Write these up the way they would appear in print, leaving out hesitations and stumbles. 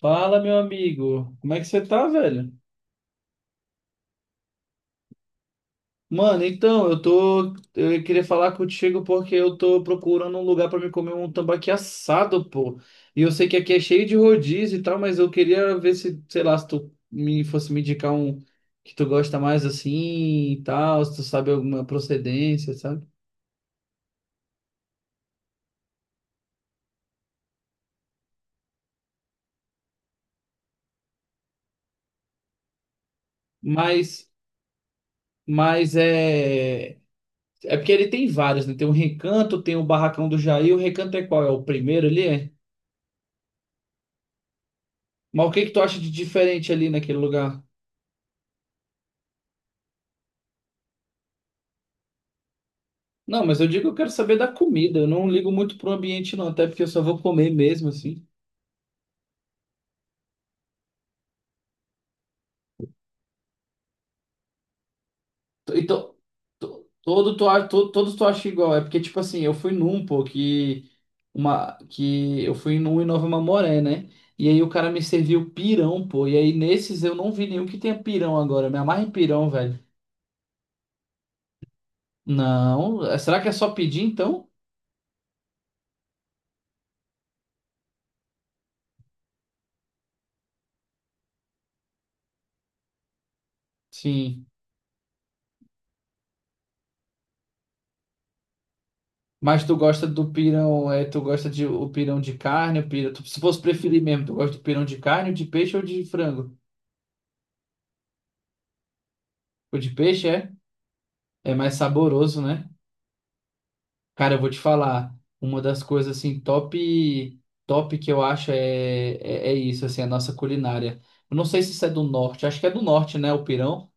Fala, meu amigo. Como é que você tá, velho? Mano, então, eu tô. Eu queria falar contigo porque eu tô procurando um lugar pra me comer um tambaqui assado, pô. E eu sei que aqui é cheio de rodízio e tal, mas eu queria ver se, sei lá, se tu me fosse me indicar um que tu gosta mais assim e tal, se tu sabe alguma procedência, sabe? Mas, mas é. É porque ele tem vários, né? Tem o Recanto, tem o Barracão do Jair. O Recanto é qual? É o primeiro ali? É? Mas o que que tu acha de diferente ali naquele lugar? Não, mas eu digo que eu quero saber da comida. Eu não ligo muito pro ambiente, não, até porque eu só vou comer mesmo, assim. Então, todos tu acha igual. É porque, tipo assim, eu fui num, pô, que, uma, que eu fui num em Nova Mamoré, né? E aí o cara me serviu pirão, pô. E aí nesses eu não vi nenhum que tenha pirão agora. Eu Me amarra em pirão, velho. Não, será que é só pedir então? Sim. Mas tu gosta do pirão, é, tu gosta de o pirão de carne, o pirão, se fosse preferir mesmo, tu gosta do pirão de carne, de peixe ou de frango? O de peixe é mais saboroso, né? Cara, eu vou te falar, uma das coisas assim top top que eu acho é isso, assim, a nossa culinária. Eu não sei se isso é do norte, acho que é do norte, né, o pirão,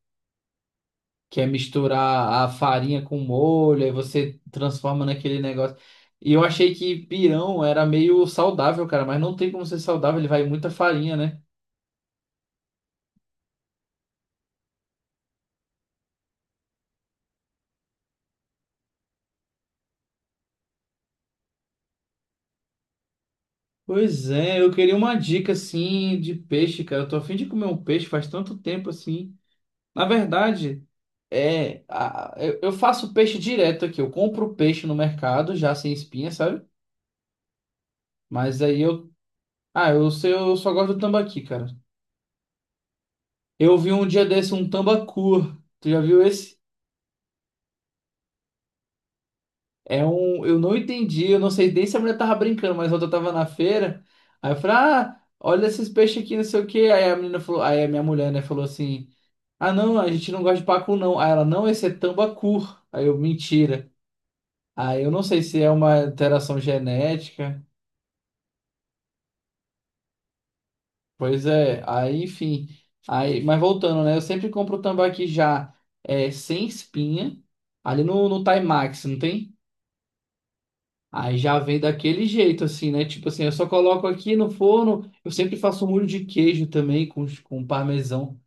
que é misturar a farinha com molho, aí você transforma naquele negócio. E eu achei que pirão era meio saudável, cara, mas não tem como ser saudável, ele vai muita farinha, né? Pois é, eu queria uma dica assim de peixe, cara. Eu tô a fim de comer um peixe faz tanto tempo assim. Na verdade, eu faço peixe direto aqui. Eu compro o peixe no mercado, já sem espinha, sabe? Mas aí eu. Ah, eu sei, eu só gosto do tambaqui, cara. Eu vi um dia desse um tambacu. Tu já viu esse? É um. Eu não entendi, eu não sei nem se a mulher tava brincando, mas outra tava na feira. Aí eu falei, ah, olha esses peixes aqui, não sei o quê. Aí a menina falou, aí a minha mulher, né, falou assim: ah, não, a gente não gosta de pacu, não. Aí ela, não, esse é tambacu. Aí eu, mentira. Aí eu não sei se é uma alteração genética. Pois é, aí enfim. Aí, mas voltando, né? Eu sempre compro o tambaqui já sem espinha, ali no Timax, não tem? Aí já vem daquele jeito, assim, né? Tipo assim, eu só coloco aqui no forno. Eu sempre faço um molho de queijo também com parmesão.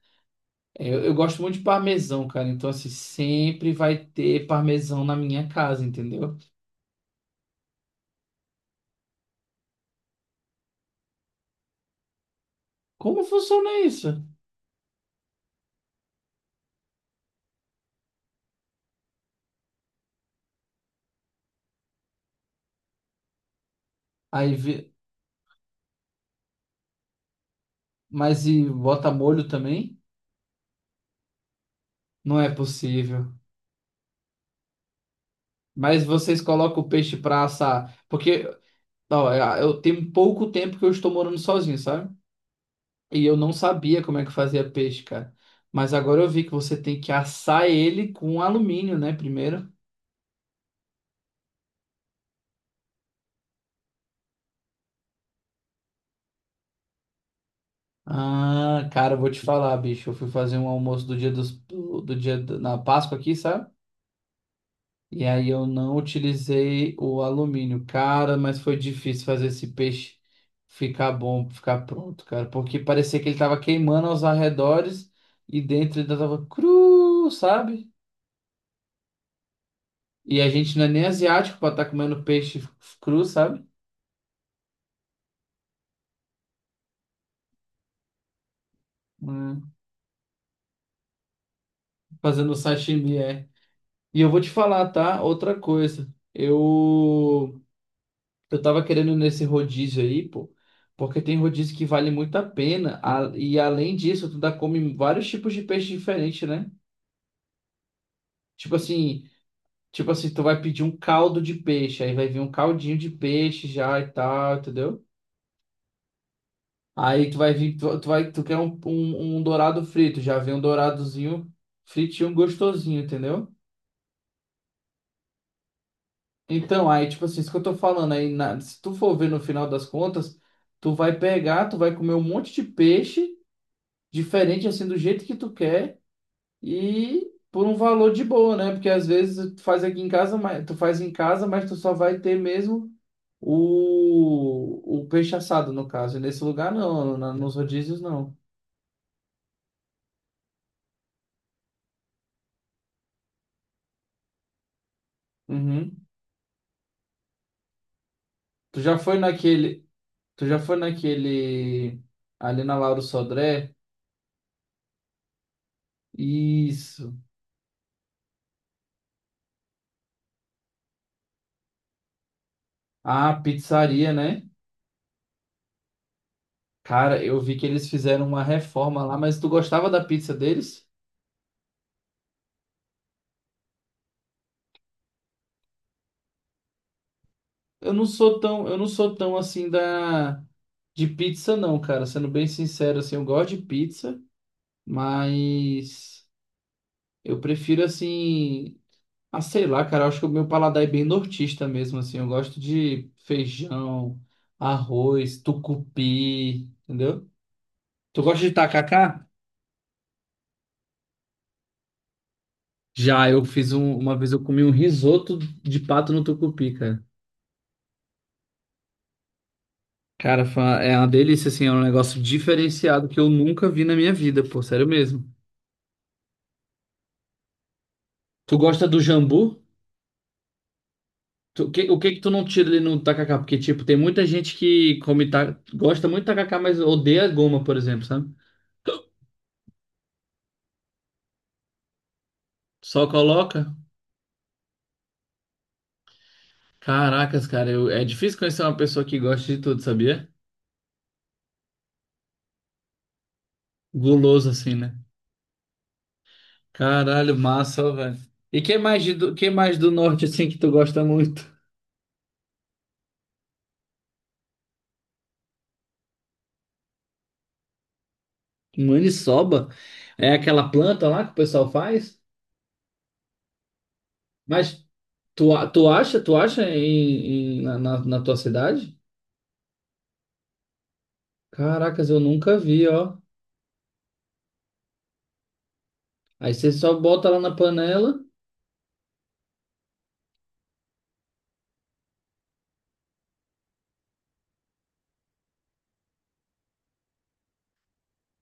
Eu gosto muito de parmesão, cara. Então, assim, sempre vai ter parmesão na minha casa, entendeu? Como funciona isso? Aí, vi- mas e bota molho também? Não é possível. Mas vocês colocam o peixe pra assar. Porque, ó, eu tenho pouco tempo que eu estou morando sozinho, sabe? E eu não sabia como é que fazia peixe, cara. Mas agora eu vi que você tem que assar ele com alumínio, né? Primeiro. Ah, cara, eu vou te falar, bicho. Eu fui fazer um almoço do dia dos, do do dia da- na Páscoa aqui, sabe? E aí eu não utilizei o alumínio, cara, mas foi difícil fazer esse peixe ficar bom, ficar pronto, cara, porque parecia que ele tava queimando aos arredores e dentro ele tava cru, sabe? E a gente não é nem asiático pra estar comendo peixe cru, sabe? Hum. Fazendo sashimi, é. E eu vou te falar, tá? Outra coisa. Eu tava querendo ir nesse rodízio aí, pô, porque tem rodízio que vale muito a pena. E além disso, tu dá come vários tipos de peixe diferente, né? Tipo assim, tipo assim, tu vai pedir um caldo de peixe, aí vai vir um caldinho de peixe já e tal, entendeu? Aí tu vai vir, tu vai, tu quer um, dourado frito, já vem um douradozinho fritinho gostosinho, entendeu? Então, aí, tipo assim, isso que eu tô falando aí, se tu for ver no final das contas, tu vai pegar, tu vai comer um monte de peixe. Diferente assim do jeito que tu quer e por um valor de boa, né? Porque às vezes tu faz aqui em casa, mas tu faz em casa, mas tu só vai ter mesmo o peixe assado no caso. E nesse lugar não, nos rodízios não. Uhum. Tu já foi naquele, tu já foi naquele ali na Lauro Sodré? Isso. Ah, pizzaria, né? Cara, eu vi que eles fizeram uma reforma lá, mas tu gostava da pizza deles? Eu não sou tão assim da de pizza não, cara. Sendo bem sincero, assim, eu gosto de pizza, mas eu prefiro assim, ah, sei lá, cara, eu acho que o meu paladar é bem nortista mesmo, assim. Eu gosto de feijão, arroz, tucupi, entendeu? Tu gosta de tacacá? Já, uma vez eu comi um risoto de pato no tucupi, cara. Cara, é uma delícia, assim, é um negócio diferenciado que eu nunca vi na minha vida, pô, sério mesmo. Tu gosta do jambu? O o que que tu não tira ali no tacacá? Porque, tipo, tem muita gente que come gosta muito de tacacá, mas odeia goma, por exemplo, sabe? Só coloca. Caracas, cara, é difícil conhecer uma pessoa que gosta de tudo, sabia? Guloso assim, né? Caralho, massa, ó, velho. E que mais do norte assim que tu gosta muito? Maniçoba? É aquela planta lá que o pessoal faz? Mas tu acha na tua cidade? Caracas, eu nunca vi, ó. Aí você só bota lá na panela.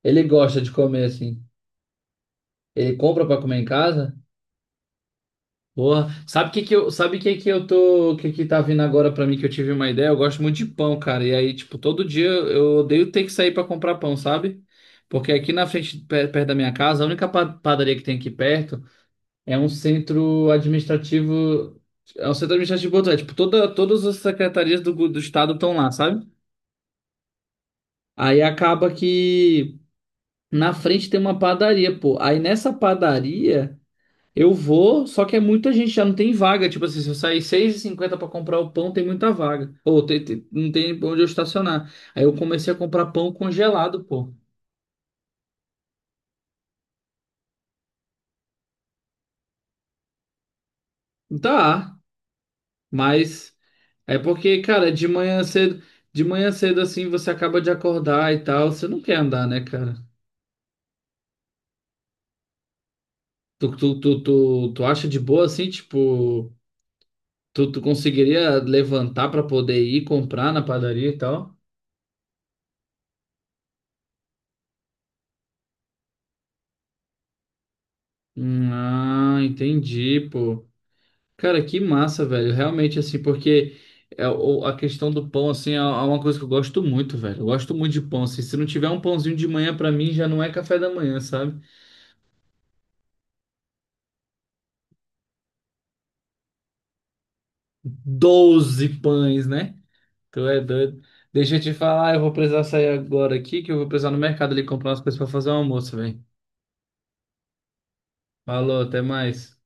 Ele gosta de comer assim. Ele compra pra comer em casa? Porra, sabe o que que eu, sabe o que que eu tô, o que que tá vindo agora pra mim que eu tive uma ideia? Eu gosto muito de pão, cara. E aí, tipo, todo dia eu odeio ter que sair pra comprar pão, sabe? Porque aqui na frente, perto da minha casa, a única padaria que tem aqui perto é um centro administrativo, é um centro administrativo, é, tipo, todas as secretarias do estado estão lá, sabe? Aí acaba que. Na frente tem uma padaria, pô. Aí nessa padaria eu vou, só que é muita gente, já não tem vaga. Tipo assim, se eu sair 6:50 pra comprar o pão, tem muita vaga. Ou não tem onde eu estacionar. Aí eu comecei a comprar pão congelado, pô. Tá, mas é porque, cara, de manhã cedo assim, você acaba de acordar e tal, você não quer andar, né, cara? Tu acha de boa assim, tipo, tu conseguiria levantar pra poder ir comprar na padaria e tal? Hum. Ah, entendi, pô. Cara, que massa, velho. Realmente, assim, porque a questão do pão, assim, é uma coisa que eu gosto muito, velho. Eu gosto muito de pão, assim. Se não tiver um pãozinho de manhã, pra mim, já não é café da manhã, sabe? 12 pães, né? Tu é doido. Deixa eu te falar, eu vou precisar sair agora aqui, que eu vou precisar no mercado ali comprar umas coisas pra fazer o almoço, velho. Falou, até mais.